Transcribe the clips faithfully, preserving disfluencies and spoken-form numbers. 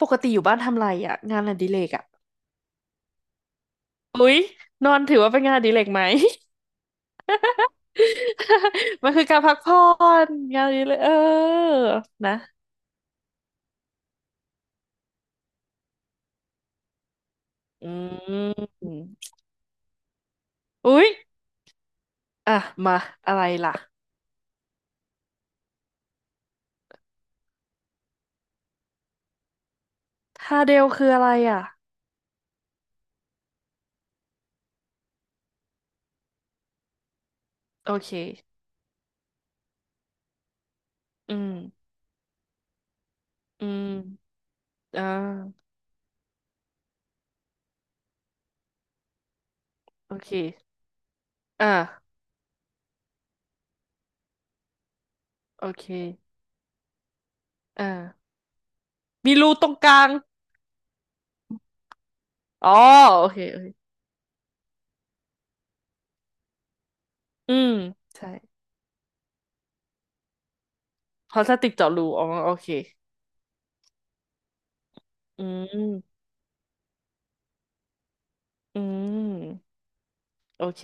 ปกติอยู่บ้านทำไรอ่ะงานอดิเรกอ่ะอุ๊ยนอนถือว่าเป็นงานอดิเรกไหม มันคือการพักผ่อนงานอดิเรกเออนะอืมอุ๊ยอ่ะมาอะไรล่ะทาเดลคืออะไรอ่ะโอเคอืมอืมอ่าโอเคอ่าโอเคอ่ามีรูตรงกลางอ๋อโอเคโอเคอืมใช่พลาสติกเจาะรูอ๋อโอเคอืมอืมโอเค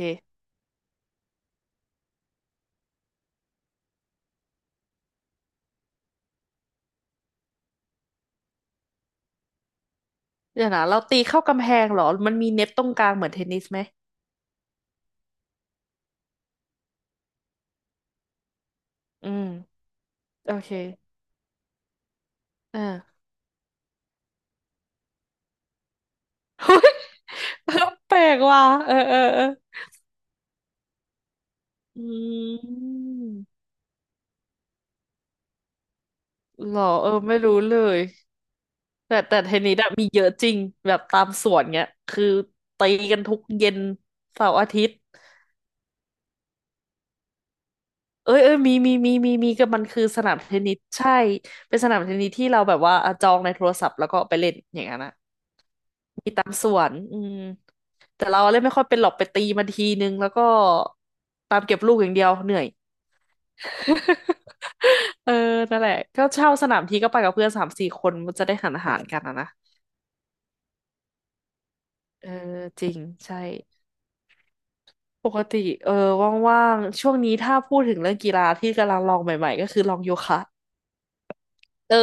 เดี๋ยวนะเราตีเข้ากำแพงเหรอมันมีเน็ตตรงกลางเหมือนเทนนิสไหมอืมโอเคอ่า แปลกว่ะเออเออเอออืมเหรอเออไม่รู้เลยแต่แต่เทนนิสอะมีเยอะจริงแบบตามสวนเงี้ยคือตีกันทุกเย็นเสาร์อาทิตย์เอ้ยเอ้ยมีมีมีมีมีก็มันคือสนามเทนนิสใช่เป็นสนามเทนนิสที่เราแบบว่าอ่ะจองในโทรศัพท์แล้วก็ไปเล่นอย่างนั้นอะ มีตามสวนอืมแต่เราเล่นไม่ค่อยเป็นหรอกไปตีมันทีนึงแล้วก็ตามเก็บลูกอย่างเดียวเหนื่อย เออนั่นแหละ ก็เช่าสนามทีก็ไปกับเพื่อนสามสี่คนมันจะได้หันอาหารกันอะนะ เออ จริง ใช่ ปกติ เออ ว่างๆช่วงนี้ถ้าพูดถึงเรื่องกีฬาที่กำลังลองใหม่ๆ ก็คือลองโยคะ เออ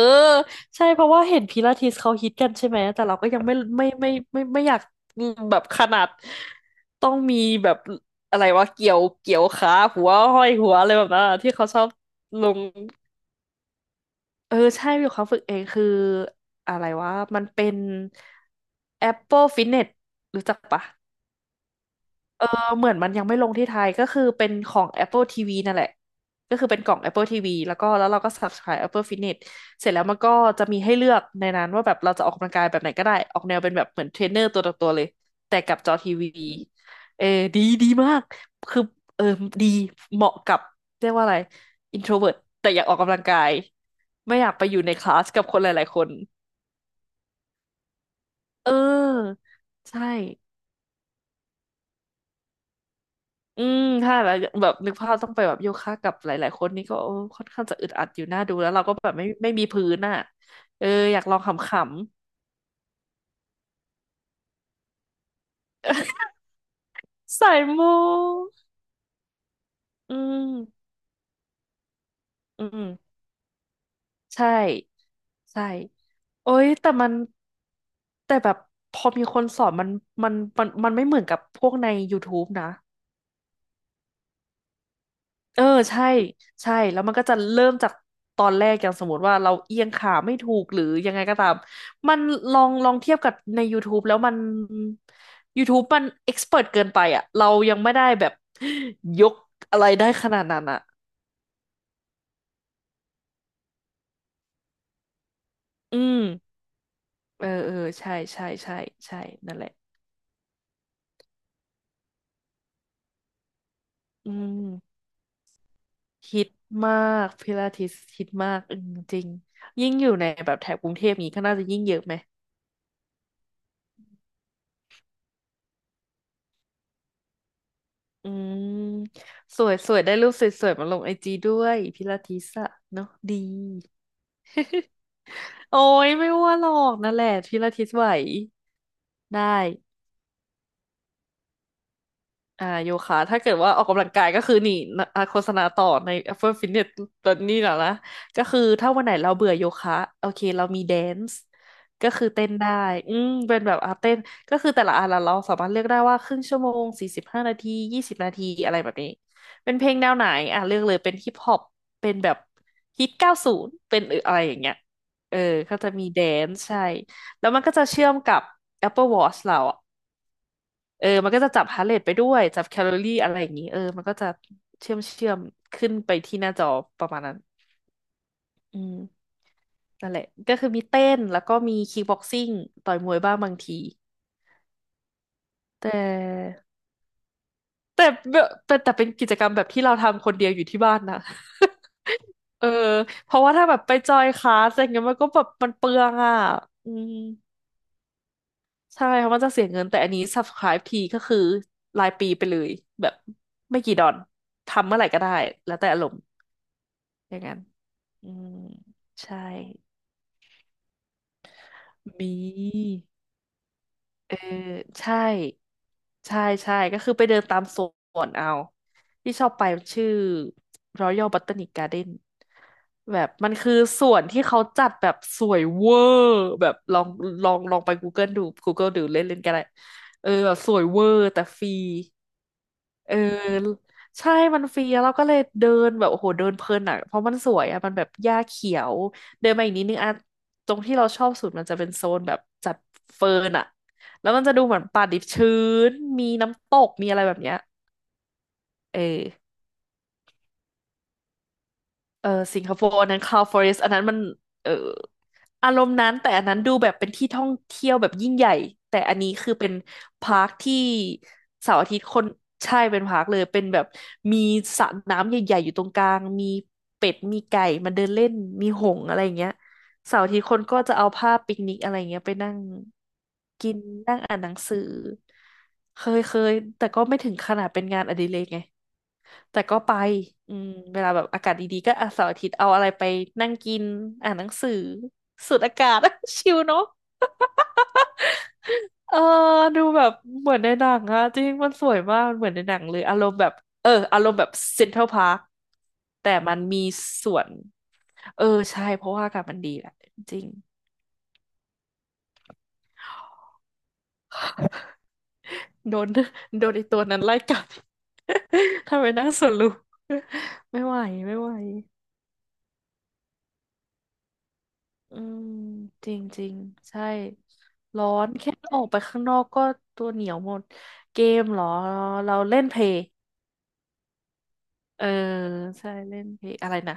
ใช่เพราะว่าเห็นพิลาทิสเขาฮิตกันใช่ไหมแต่เราก็ยังไม่ไม่ไม่ไม่ไม่ไม่อยากอืมแบบขนาดต้องมีแบบอะไรวะเกี่ยวเกี่ยวขาหัวห้อยหัวอะไรแบบนั้นอะที่เขาชอบลงเออใช่อยู่เขาฝึกเองคืออะไรวะมันเป็น Apple Fitness รู้จักปะ เหมือนมันยังไม่ลงที่ไทยก็คือเป็นของ Apple ที วี นั่นแหละก็คือเป็นกล่อง Apple ที วี แล้วก็แล้วเราก็ subscribe Apple Fitness เสร็จแล้วมันก็จะมีให้เลือกในนั้นว่าแบบเราจะออกกำลังกายแบบไหนก็ได้ออกแนวเป็นแบบเหมือนเทรนเนอร์ตัวต่อตัวเลยแต่กับจอทีวีเออดีดีมากคือเออดีเหมาะกับเรียกว่าอะไร introvert แต่อยากออกกำลังกายไม่อยากไปอยู่ในคลาสกับคนหลายๆคนเออใช่ อืม ถ้าแล้วแบบนึกภาพต้องไปแบบโยคะกับหลายๆคนนี่ก็โอ้ค่อนข้างจะอึดอัดอยู่หน้าดูแล้วเราก็แบบไม่ไม่มีพื้นอ่ะเอออยากลองขำๆ ใส่มูอืมอืมใช่ใช่โอ้ยแต่มันแต่แบบพอมีคนสอนมันมันมันมันไม่เหมือนกับพวกใน YouTube นะ เออใช่ใช่แล้วมันก็จะเริ่มจากตอนแรกอย่างสมมติว่าเราเอียงขาไม่ถูกหรือยังไงก็ตามมันลองลองเทียบกับใน YouTube แล้วมัน YouTube มันเอ็กซ์เพิร์เกินไปอ่ะเรายังไม่ได้แบบยกอะไรได้ขนาดนั้นอ่ะอืมเออเออใช่ใช่ใช่ใช่นั่นแหละอืมฮิตมากพิลาทิสฮิตมากอืมจริงยิ่งอยู่ในแบบแถบกรุงเทพนี้ก็น่าจะยิ่งเยอะไหม อืมสวยสวยได้รูปสวยๆมาลงไอจีด้วยพิลาทิสอะเนาะดี โอ้ยไม่ว่าหรอกนั่นแหละพิลาทิสไหวได้ อ่าโยคะถ้าเกิดว่าออกกำลังกายก็คือนี่นะอ่ะโฆษณาต่อใน Apple Fitness ตอนนี้นะนะก็คือถ้าวันไหนเราเบื่อโยคะโอเคเรามีแดนซ์ก็คือเต้นได้อืมเป็นแบบอาเต้นก็คือแต่ละอันละเราสามารถเลือกได้ว่าครึ่งชั่วโมงสี่สิบห้านาทียี่สิบนาทีอะไรแบบนี้เป็นเพลงแนวไหนอ่ะเลือกเลยเป็นฮิปฮอปเป็นแบบฮิตเก้าศูนย์เป็นอะไรอย่างเงี้ยเออก็จะมีแดนซ์ใช่แล้วมันก็จะเชื่อมกับ Apple Watch เราอะ เออมันก็จะจับฮาร์ทเรทไปด้วย จับแคลอรี่อะไรอย่างนี้เออมันก็จะเชื่อมเชื่อมขึ้นไปที่หน้าจอประมาณนั้นอืมนั่นแหละก็คือมีเต้น แล้วก็มีคิกบ็อกซิ่งต่อยมวยบ้างบางทีแต่แต่แต่แต่เป็นกิจกรรมแบบที่เราทำคนเดียวอยู่ที่บ้านนะ เออเพราะว่าถ้าแบบไปจอยคลาสอะไรเงี้ยมันก็แบบมันเปลืองอ่ะอืมใช่ เพราะมันจะเสียเงิน แต่อันนี้ subscribe ทีก็คือรายปีไปเลยแบบไม่กี่ดอนทำเมื่อไหร่ก็ได้แล้วแต่อารมณ์ อย่างนั้นอืมใช่มีเออใช่ใช่ใช่ก็คือไปเดินตามสวนเอาที่ชอบไปมันชื่อ Royal Botanic Garden แบบมันคือสวนที่เขาจัดแบบสวยเวอร์แบบลองลองลองไป Google ดู Google ดูเล่นเล่นก็ได้เออแบบสวยเวอร์แต่ฟรี เออใช่มันฟรีแล้วเราก็เลยเดินแบบโอ้โหเดินเพลินอ่ะเพราะมันสวยอ่ะมันแบบหญ้าเขียวเดินมาอีกนิดนึงอ่ะตรงที่เราชอบสุดมันจะเป็นโซนแบบจัดเฟิร์นอ่ะแล้วมันจะดูเหมือนป่าดิบชื้นมีน้ำตกมีอะไรแบบเนี้ยเออ เออสิงคโปร์อันนั้น Cloud Forest อันนั้นมันเอออารมณ์นั้นแต่อันนั้นดูแบบเป็นที่ท่องเที่ยวแบบยิ่งใหญ่แต่อันนี้คือเป็นพาร์คที่เสาร์อาทิตย์คนใช่เป็นพาร์คเลยเป็นแบบมีสระน้ำใหญ่ๆอยู่ตรงกลางมีเป็ดมีไก่มาเดินเล่นมีหงส์อะไรอย่างเงี้ยเสาร์อาทิตย์คนก็จะเอาผ้าปิกนิกอะไรอย่างเงี้ยไปนั่งกินนั่งอ่านหนังสือเคยเคยแต่ก็ไม่ถึงขนาดเป็นงานอดิเรกไง แต่ก็ไปอืมเวลาแบบอากาศดีๆก็อาเสาร์อาทิตย์เอาอะไรไปนั่งกินอ่านหนังสือสูดอากาศ ชิลเนาะเออดูแบบเหมือนในหนังอะจริงมันสวยมากมันเหมือนในหนังเลยอารมณ์แบบเอออารมณ์แบบเซ็นทรัลพาร์คแต่มันมีสวนเออใช่เพราะว่าอากาศมันดีแหละจริงโดน โดนไอตัวนั้นไล่กัด ทำไมนั่งสวนลุม ไม่ไหวไม่ไหว อืมจริงจริงใช่ร้อนแค่ออกไปข้างนอกก็ตัวเหนียวหมดเกมเหรอเราเล่นเพลย์เออใช่เล่นเพลย์อะไรนะ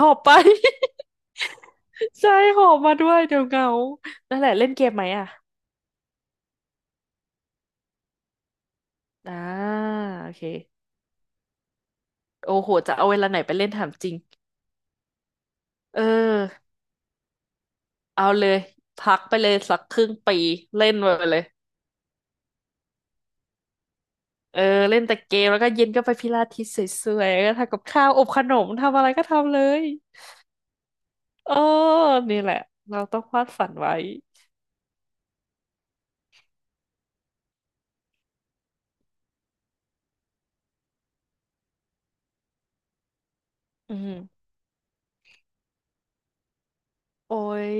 หอบไป ใช่หอบมาด้วยเดี๋ยวเหงานั่นแหละเล่นเกมไหมอ่ะอ่าโอเคโอ้โหจะเอาเวลาไหนไปเล่นถามจริงเออเอาเลยพักไปเลยสักครึ่งปีเล่นไปเลยเออเล่นแต่เกมแล้วก็เย็นก็ไปพิลาทิสสวยๆแล้วก็ทำกับข้าวอบขนมทำอะไรก็ทำเลย เออนี่แหละ เราต้องวาดฝันไว้อืมโอ้ย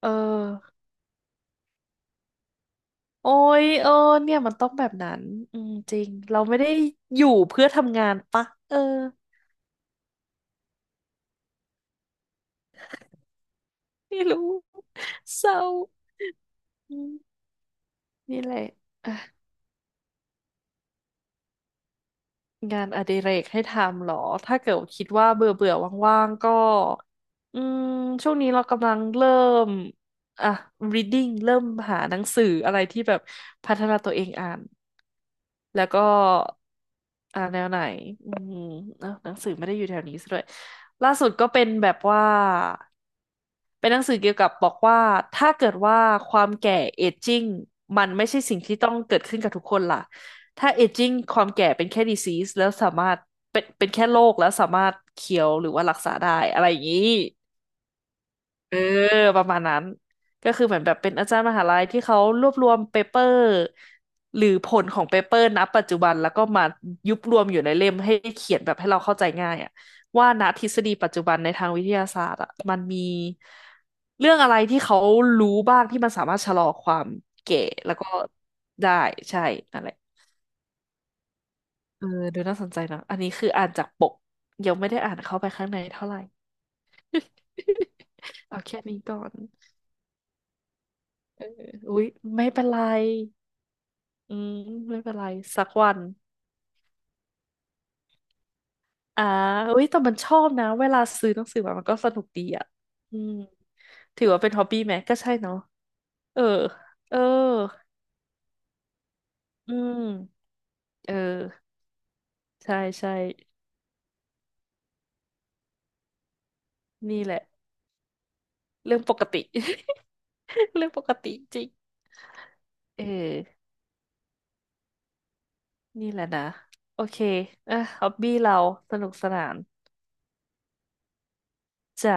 เออ โอ้ยเออเนี่ย มันต้องแบบนั้นอืมจริง เราไม่ได้อยู่เพื่อทำงานปะ เออ ไม่รู้เศร้าอืมนี่แหละอ่ะงานอดิเรกให้ทำเหรอ ถ้าเกิดคิดว่าเบื่อเบื่อว่างๆ ก็ อืมช่วงนี้เรากำลังเริ่ม อ่ะ reading เริ่มหาหนังสืออะไรที่แบบพัฒนาตัวเองอ่าน แล้วก็อ่าแนวไหนอืมเอ้าหนังสือไม่ได้อยู่แถวนี้ซะด้วยล่าสุดก็เป็นแบบว่าเป็นหนังสือเกี่ยวกับบอกว่าถ้าเกิดว่าความแก่เอจจิ้งมันไม่ใช่สิ่งที่ต้องเกิดขึ้นกับทุกคนล่ะถ้าเอจจิ้งความแก่เป็นแค่ disease แล้วสามารถเป็นเป็นแค่โรคแล้วสามารถเคียวหรือว่ารักษาได้อะไรอย่างนี้ เออประมาณนั้นก็คือเหมือนแบบเป็นอาจารย์มหาลัยที่เขารวบรวมเปเปอร์หรือผลของเปเปอร์ณปัจจุบันแล้วก็มายุบรวมอยู่ในเล่มให้เขียนแบบให้เราเข้าใจง่ายอะว่าณทฤษฎีปัจจุบันในทางวิทยาศาสตร์อะมันมีเรื่องอะไรที่เขารู้บ้างที่มันสามารถชะลอความแก่แล้วก็ได้ใช่นั่นแหละเออดูน่าสนใจนะอันนี้คืออ่านจากปกยังไม่ได้อ่านเข้าไปข้างในเท่าไหร่ เอาแค่นี้ก่อนอุ๊ยไม่เป็นไร อืมไม่เป็นไรสักวันอ่าอุ้ยแต่มันชอบนะเวลาซื้อหนังสือมามันก็สนุกดีอ่ะอืมถือว่าเป็นฮอบบี้ไหมก็ใช่เนาะเออเอออืมเออใช่ใช่นี่แหละเรื่องปกติ เรื่องปกติจริงเออนี่แหละนะโอเคอ่ะฮอบบี้เราสนุกสนานจ้า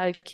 โอเค